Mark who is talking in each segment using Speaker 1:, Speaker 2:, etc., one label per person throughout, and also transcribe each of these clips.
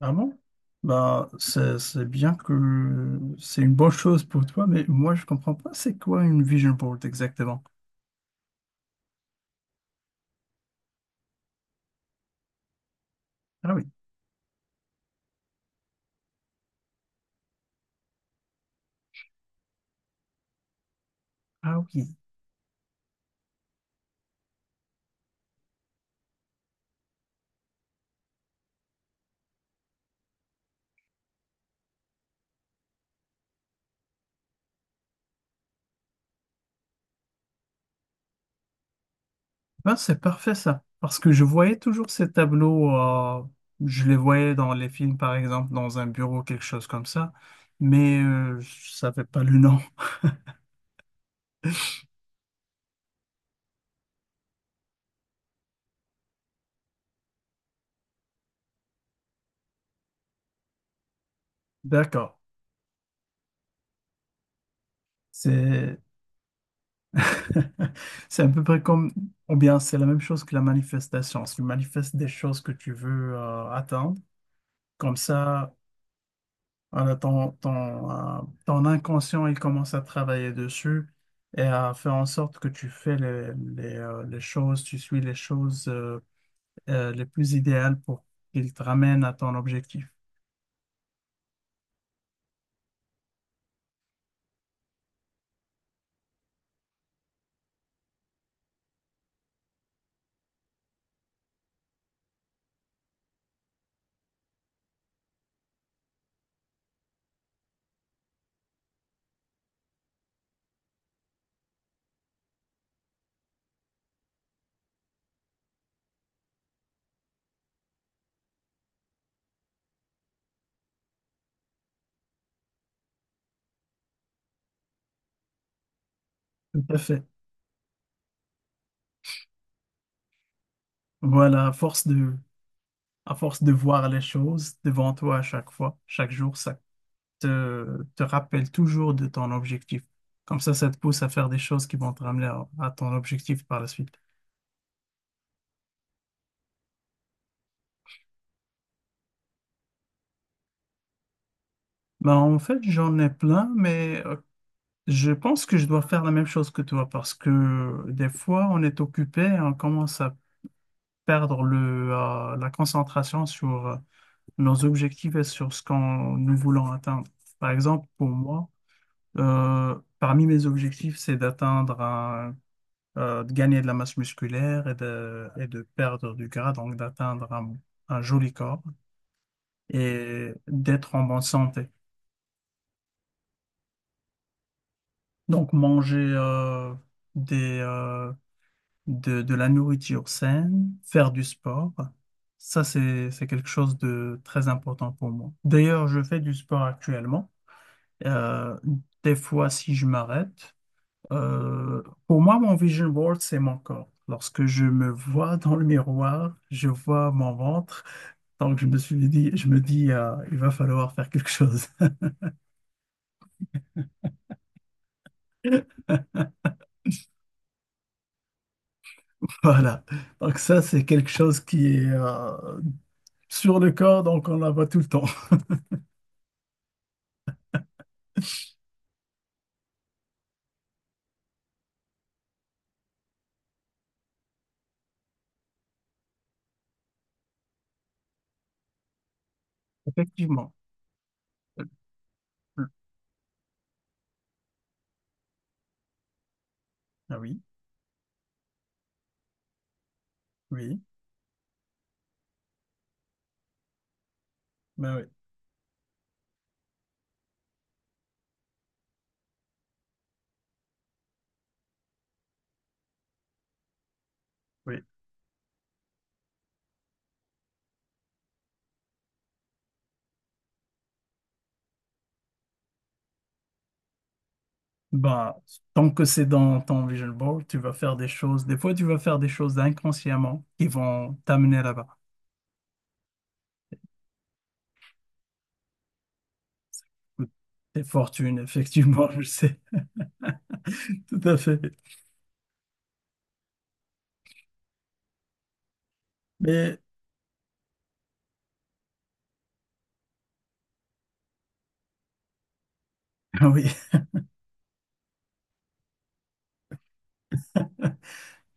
Speaker 1: Ah bon? Bah, c'est, bien que c'est une bonne chose pour toi, mais moi, je comprends pas c'est quoi une vision board exactement. Ah oui, ah oui. Ben, c'est parfait ça. Parce que je voyais toujours ces tableaux, je les voyais dans les films, par exemple, dans un bureau, quelque chose comme ça, mais je savais pas le nom. D'accord. C'est c'est à peu près comme, ou bien c'est la même chose que la manifestation. Tu manifestes des choses que tu veux atteindre. Comme ça, voilà, ton inconscient, il commence à travailler dessus et à faire en sorte que tu fais les choses, tu suis les choses les plus idéales pour qu'il te ramène à ton objectif. Tout à fait. Voilà, à force de, à force de voir les choses devant toi à chaque fois, chaque jour, ça te rappelle toujours de ton objectif. Comme ça te pousse à faire des choses qui vont te ramener à ton objectif par la suite. Ben, en fait, j'en ai plein, mais je pense que je dois faire la même chose que toi parce que des fois on est occupé et on commence à perdre la concentration sur nos objectifs et sur ce qu'on nous voulons atteindre. Par exemple, pour moi, parmi mes objectifs, c'est de gagner de la masse musculaire et de perdre du gras, donc d'atteindre un joli corps et d'être en bonne santé. Donc manger des, euh, de la nourriture saine, faire du sport. Ça, c'est quelque chose de très important pour moi. D'ailleurs, je fais du sport actuellement. Euh, des fois, si je m'arrête, pour moi, mon vision board, c'est mon corps. Lorsque je me vois dans le miroir, je vois mon ventre. Donc, je me dis, il va falloir faire quelque chose. Voilà. Donc, ça, c'est quelque chose qui est sur le corps, donc on la voit tout le temps. Effectivement. Ah oui, oui, oui, oui. Bah, tant que c'est dans ton vision board, tu vas faire des choses. Des fois, tu vas faire des choses inconsciemment qui vont t'amener là-bas. Des fortunes, effectivement, je sais, tout à fait. Mais ah oui.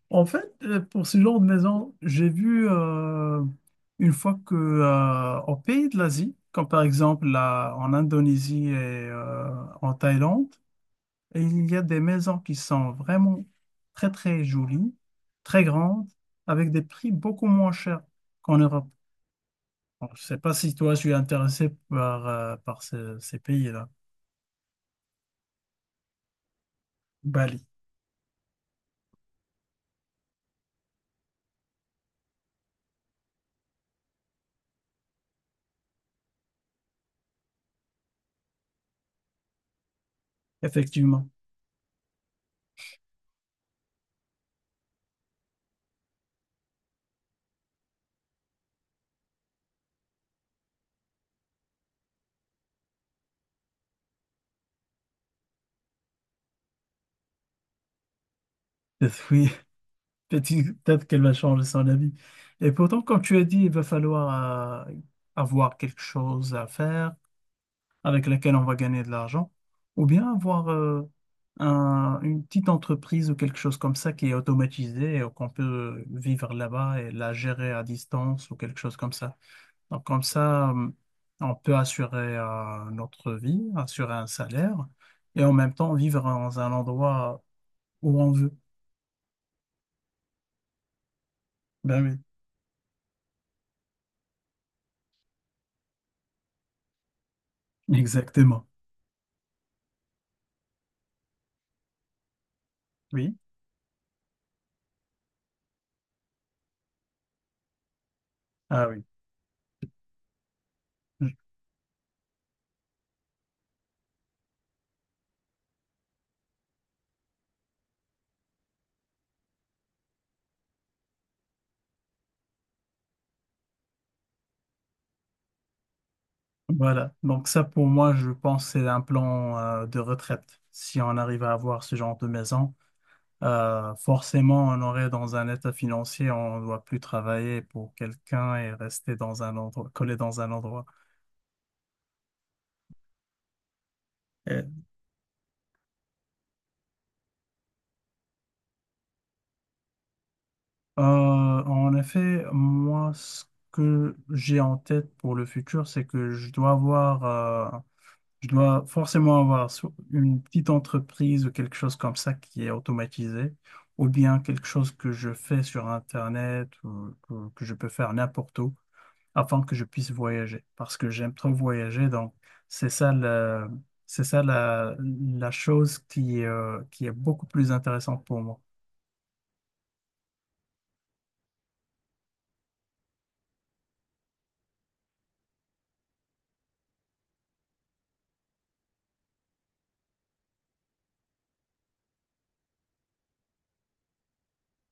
Speaker 1: En fait, pour ce genre de maison, j'ai vu une fois que au pays de l'Asie, comme par exemple là, en Indonésie et euh, en Thaïlande, et il y a des maisons qui sont vraiment très, très jolies, très grandes, avec des prix beaucoup moins chers qu'en Europe. Bon, je ne sais pas si toi, tu es intéressé par, ces pays-là. Bali, effectivement. Peut-être oui, peut-être peut-être qu'elle va changer son avis. Et pourtant, comme tu as dit, il va falloir avoir quelque chose à faire, avec laquelle on va gagner de l'argent, ou bien avoir une petite entreprise ou quelque chose comme ça qui est automatisée et qu'on peut vivre là-bas et la gérer à distance ou quelque chose comme ça. Donc comme ça, on peut assurer notre vie, assurer un salaire et en même temps vivre dans un endroit où on veut. Ben oui, exactement. Oui, ah oui. Voilà. Donc ça, pour moi, je pense c'est un plan de retraite. Si on arrive à avoir ce genre de maison, forcément, on aurait dans un état financier, on ne doit plus travailler pour quelqu'un et rester dans un endroit, collé dans un endroit. En effet, moi, ce que j'ai en tête pour le futur, c'est que je dois forcément avoir une petite entreprise ou quelque chose comme ça qui est automatisé, ou bien quelque chose que je fais sur Internet que je peux faire n'importe où afin que je puisse voyager. Parce que j'aime trop voyager, donc c'est ça le, c'est ça la chose qui est beaucoup plus intéressante pour moi.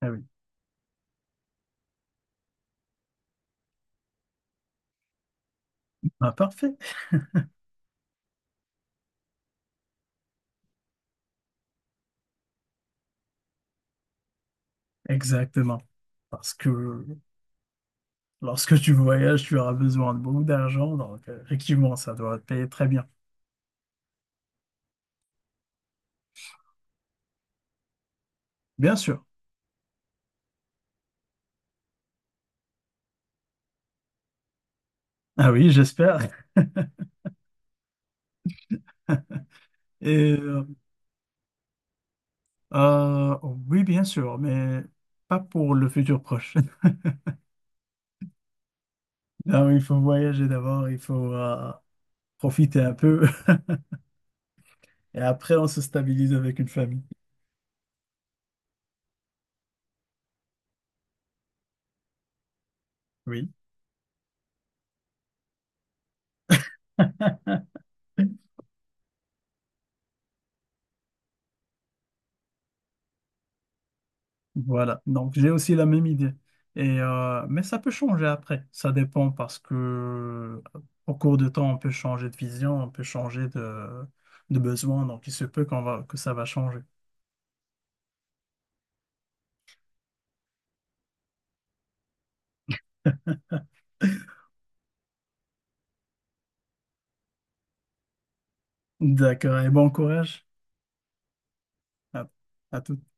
Speaker 1: Ah oui. Ah, parfait. Exactement. Parce que lorsque tu voyages, tu auras besoin de beaucoup d'argent. Donc, effectivement, ça doit te payer très bien. Bien sûr. Ah oui, j'espère. Et euh, euh, oui, bien sûr, mais pas pour le futur proche. Non, il faut voyager d'abord, il faut profiter un peu. Et après, on se stabilise avec une famille. Oui. Voilà, donc j'ai aussi la même idée. Et, mais ça peut changer après. Ça dépend parce que au cours de temps, on peut changer de vision, on peut changer de besoin. Donc il se peut qu'on va, que ça va changer. D'accord, et bon courage à, à toutes.